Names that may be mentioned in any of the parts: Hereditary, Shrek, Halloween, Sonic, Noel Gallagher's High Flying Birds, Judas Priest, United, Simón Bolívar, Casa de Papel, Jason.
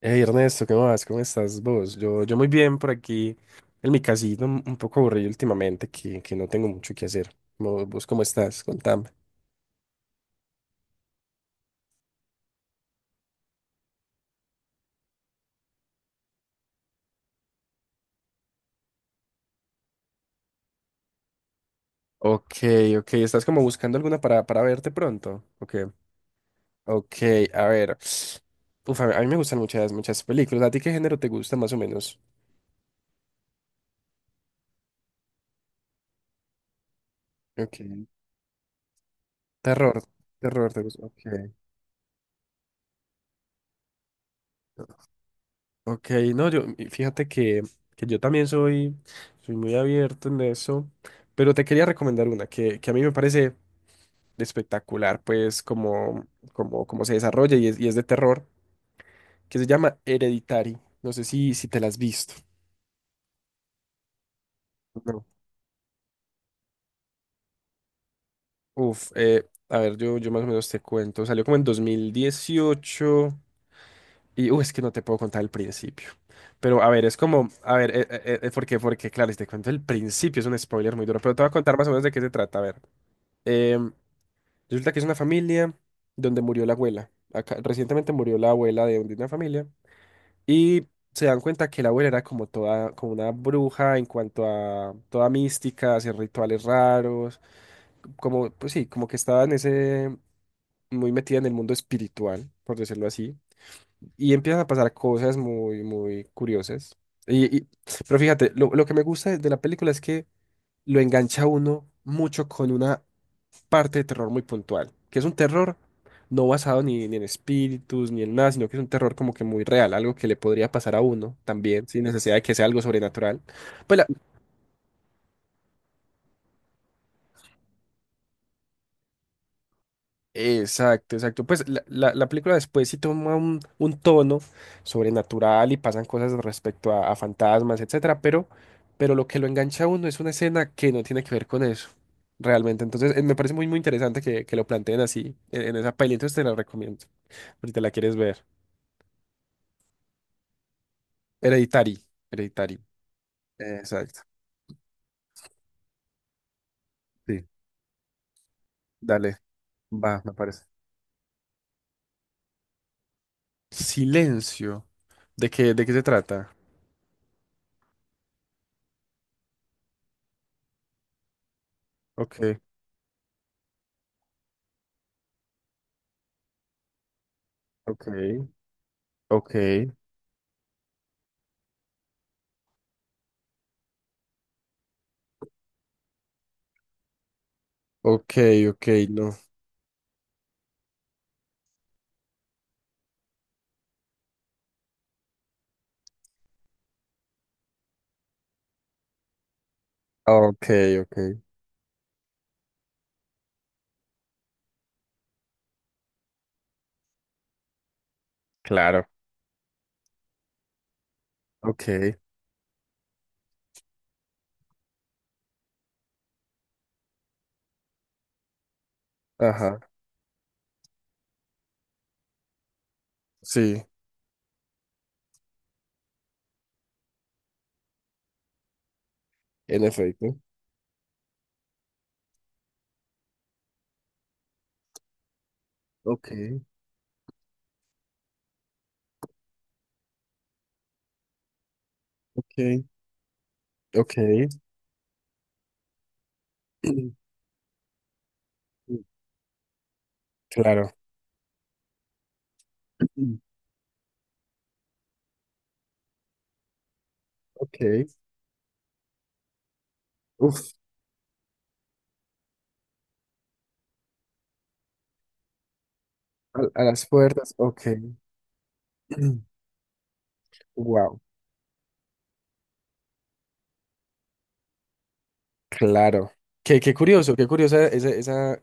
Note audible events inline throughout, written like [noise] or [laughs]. Hey Ernesto, ¿qué más? ¿Cómo estás vos? Yo muy bien por aquí, en mi casita, un poco aburrido últimamente, que no tengo mucho que hacer. ¿Vos cómo estás? Contame. Ok, ok, ¿estás como buscando alguna para verte pronto? Ok, ok, a ver. Uf, a mí me gustan muchas, muchas películas. ¿A ti qué género te gusta más o menos? Ok, terror, terror te gusta. Ok, ok, no, yo, y fíjate que yo también soy muy abierto en eso, pero te quería recomendar una que a mí me parece espectacular, pues, como se desarrolla y es de terror, que se llama Hereditary. No sé si te la has visto. No. Uf, a ver, yo más o menos te cuento. Salió como en 2018 y, es que no te puedo contar el principio. Pero, a ver, es como, a ver, porque claro, si te cuento el principio es un spoiler muy duro, pero te voy a contar más o menos de qué se trata. A ver, Em, resulta que es una familia donde murió la abuela. Acá, recientemente murió la abuela de una familia. Y se dan cuenta que la abuela era como toda, como una bruja en cuanto a toda mística, hacer rituales raros, como, pues sí, como que estaba en ese, muy metida en el mundo espiritual, por decirlo así. Y empiezan a pasar cosas muy, muy curiosas. Y, y- pero fíjate, lo que me gusta de la película es que lo engancha a uno mucho con una parte de terror muy puntual, que es un terror no basado ni en espíritus ni en nada, sino que es un terror como que muy real, algo que le podría pasar a uno también, sin necesidad de que sea algo sobrenatural. Pues la- exacto, exacto. Pues la película después sí toma un tono sobrenatural y pasan cosas respecto a fantasmas, etcétera, pero lo que lo engancha a uno es una escena que no tiene que ver con eso. Realmente, entonces me parece muy muy interesante que lo planteen así en esa peli, entonces te la recomiendo, por si te la quieres ver. Hereditary. Hereditary. Exacto. Sí. Dale. Va, me parece. Silencio. ¿De qué se trata? Ok, ok, ok, ok, ok, no. Ok, ok. Claro. Ok. Ajá. Sí, en efecto. Ok, ok, ok. [clears throat] Claro. Mm. Ok. Uf, a las puertas. Ok. [clears throat] Wow. Claro. Qué curioso, qué curiosa esa,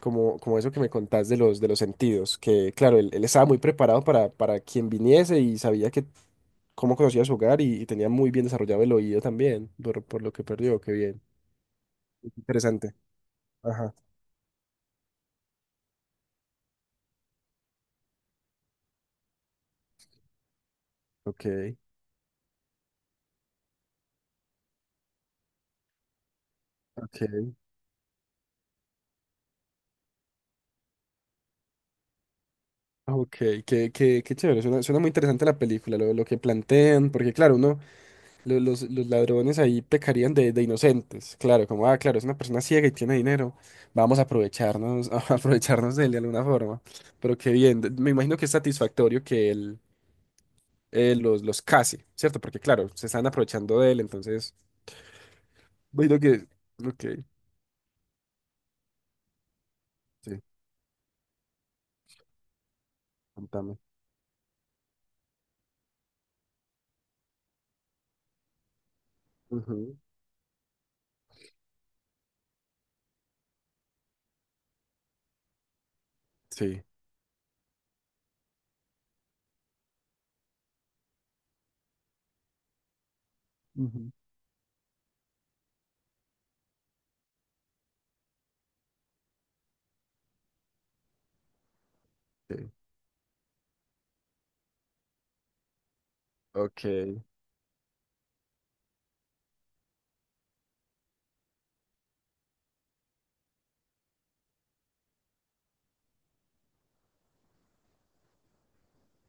como, como eso que me contás de los sentidos, que claro, él estaba muy preparado para quien viniese y sabía que cómo conocía su hogar y tenía muy bien desarrollado el oído también, por lo que perdió, qué bien, interesante. Ajá, ok, ok, ok, qué, qué chévere, suena, suena muy interesante la película, lo que plantean, porque claro, uno los ladrones ahí pecarían de inocentes, claro, como, ah, claro, es una persona ciega y tiene dinero, vamos a aprovecharnos, [laughs] a aprovecharnos de él de alguna forma. Pero qué bien, me imagino que es satisfactorio que él los case, ¿cierto? Porque claro, se están aprovechando de él, entonces, bueno, que, ok, sí, contame. Ujú, Sí. Ujú. Sí, Ok.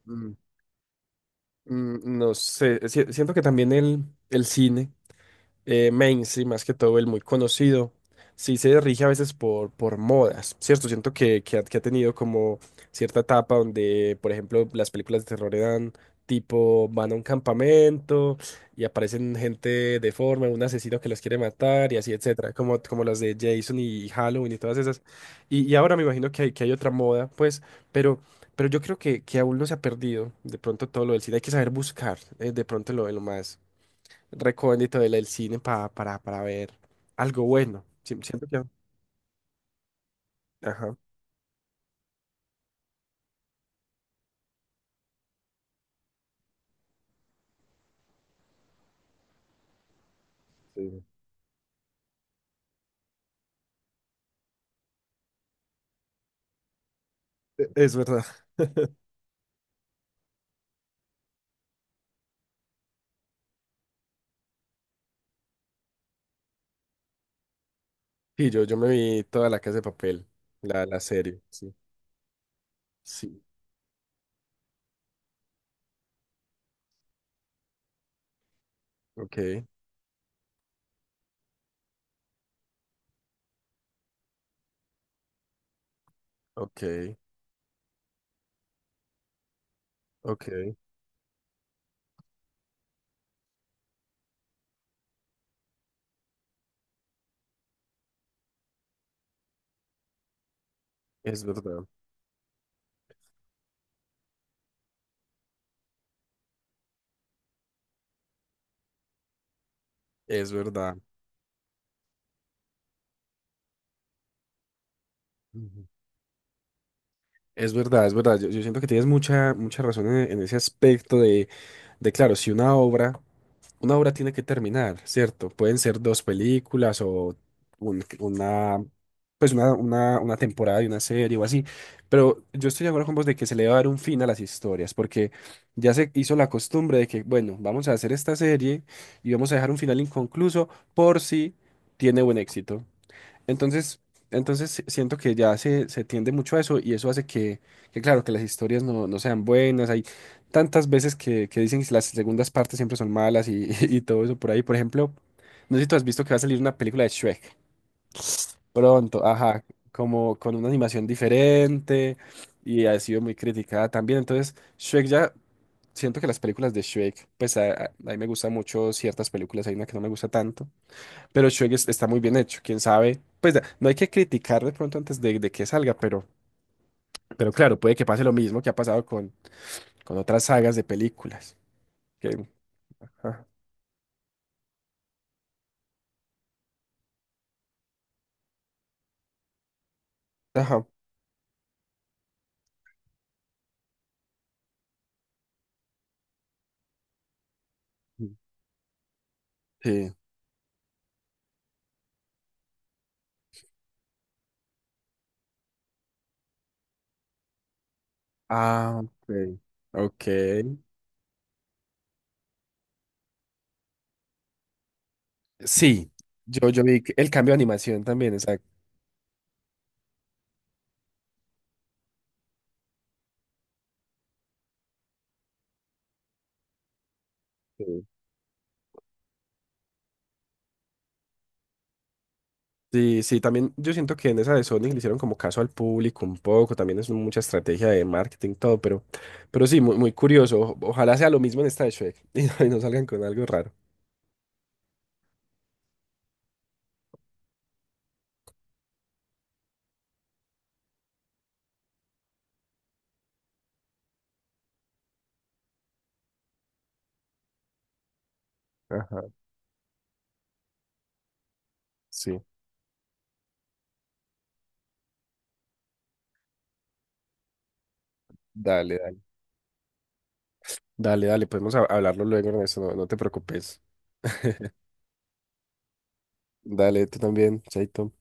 Mm, no sé, siento que también el cine mainstream, más que todo el muy conocido, sí se rige a veces por modas, ¿cierto? Siento que ha tenido como cierta etapa donde, por ejemplo, las películas de terror eran tipo, van a un campamento y aparecen gente deforme, un asesino que los quiere matar y así, etcétera, como, como las de Jason y Halloween y todas esas. Y ahora me imagino que hay otra moda, pues, pero... Pero yo creo que aún no se ha perdido de pronto todo lo del cine. Hay que saber buscar de pronto lo, de lo más recóndito del, del cine para ver algo bueno. Siento que ajá, sí. Es verdad. Sí, yo me vi toda la Casa de Papel, la serie, sí. Sí, ok, ok, ok, es verdad, es verdad. Ujú. Es verdad, es verdad. Yo siento que tienes mucha, mucha razón en ese aspecto de claro, si una obra una obra tiene que terminar, ¿cierto? Pueden ser dos películas o un- una, una una temporada de una serie o así, pero yo estoy de acuerdo con vos de que se le va a dar un fin a las historias, porque ya se hizo la costumbre de que, bueno, vamos a hacer esta serie y vamos a dejar un final inconcluso por si tiene buen éxito. Entonces, entonces si, siento que ya se tiende mucho a eso y eso hace que claro, que las historias no, no sean buenas. Hay tantas veces que dicen que las segundas partes siempre son malas y, [laughs] y todo eso por ahí. Por ejemplo, no sé si tú has visto que va a salir una película de Shrek pronto, ajá, como con una animación diferente y ha sido muy criticada también. Entonces, Shrek ya, siento que las películas de Shrek, pues a, a mí me gustan mucho ciertas películas, hay una que no me gusta tanto pero Shrek está muy bien hecho, quién sabe. Pues no hay que criticar de pronto antes de que salga, pero claro, puede que pase lo mismo que ha pasado con otras sagas de películas. Que, ah, ajá, sí. Ah, ok. Ok. Sí, yo vi que el cambio de animación también, exacto. Sí, sí, sí, también yo siento que en esa de Sonic le hicieron como caso al público un poco, también es mucha estrategia de marketing, todo, pero sí, muy, muy curioso. Ojalá sea lo mismo en esta de Shrek [laughs] y no salgan con algo raro. Ajá, sí. Dale, dale. Dale, dale, podemos hablarlo luego, Ernesto, no, no te preocupes. Dale, tú también, Chaito.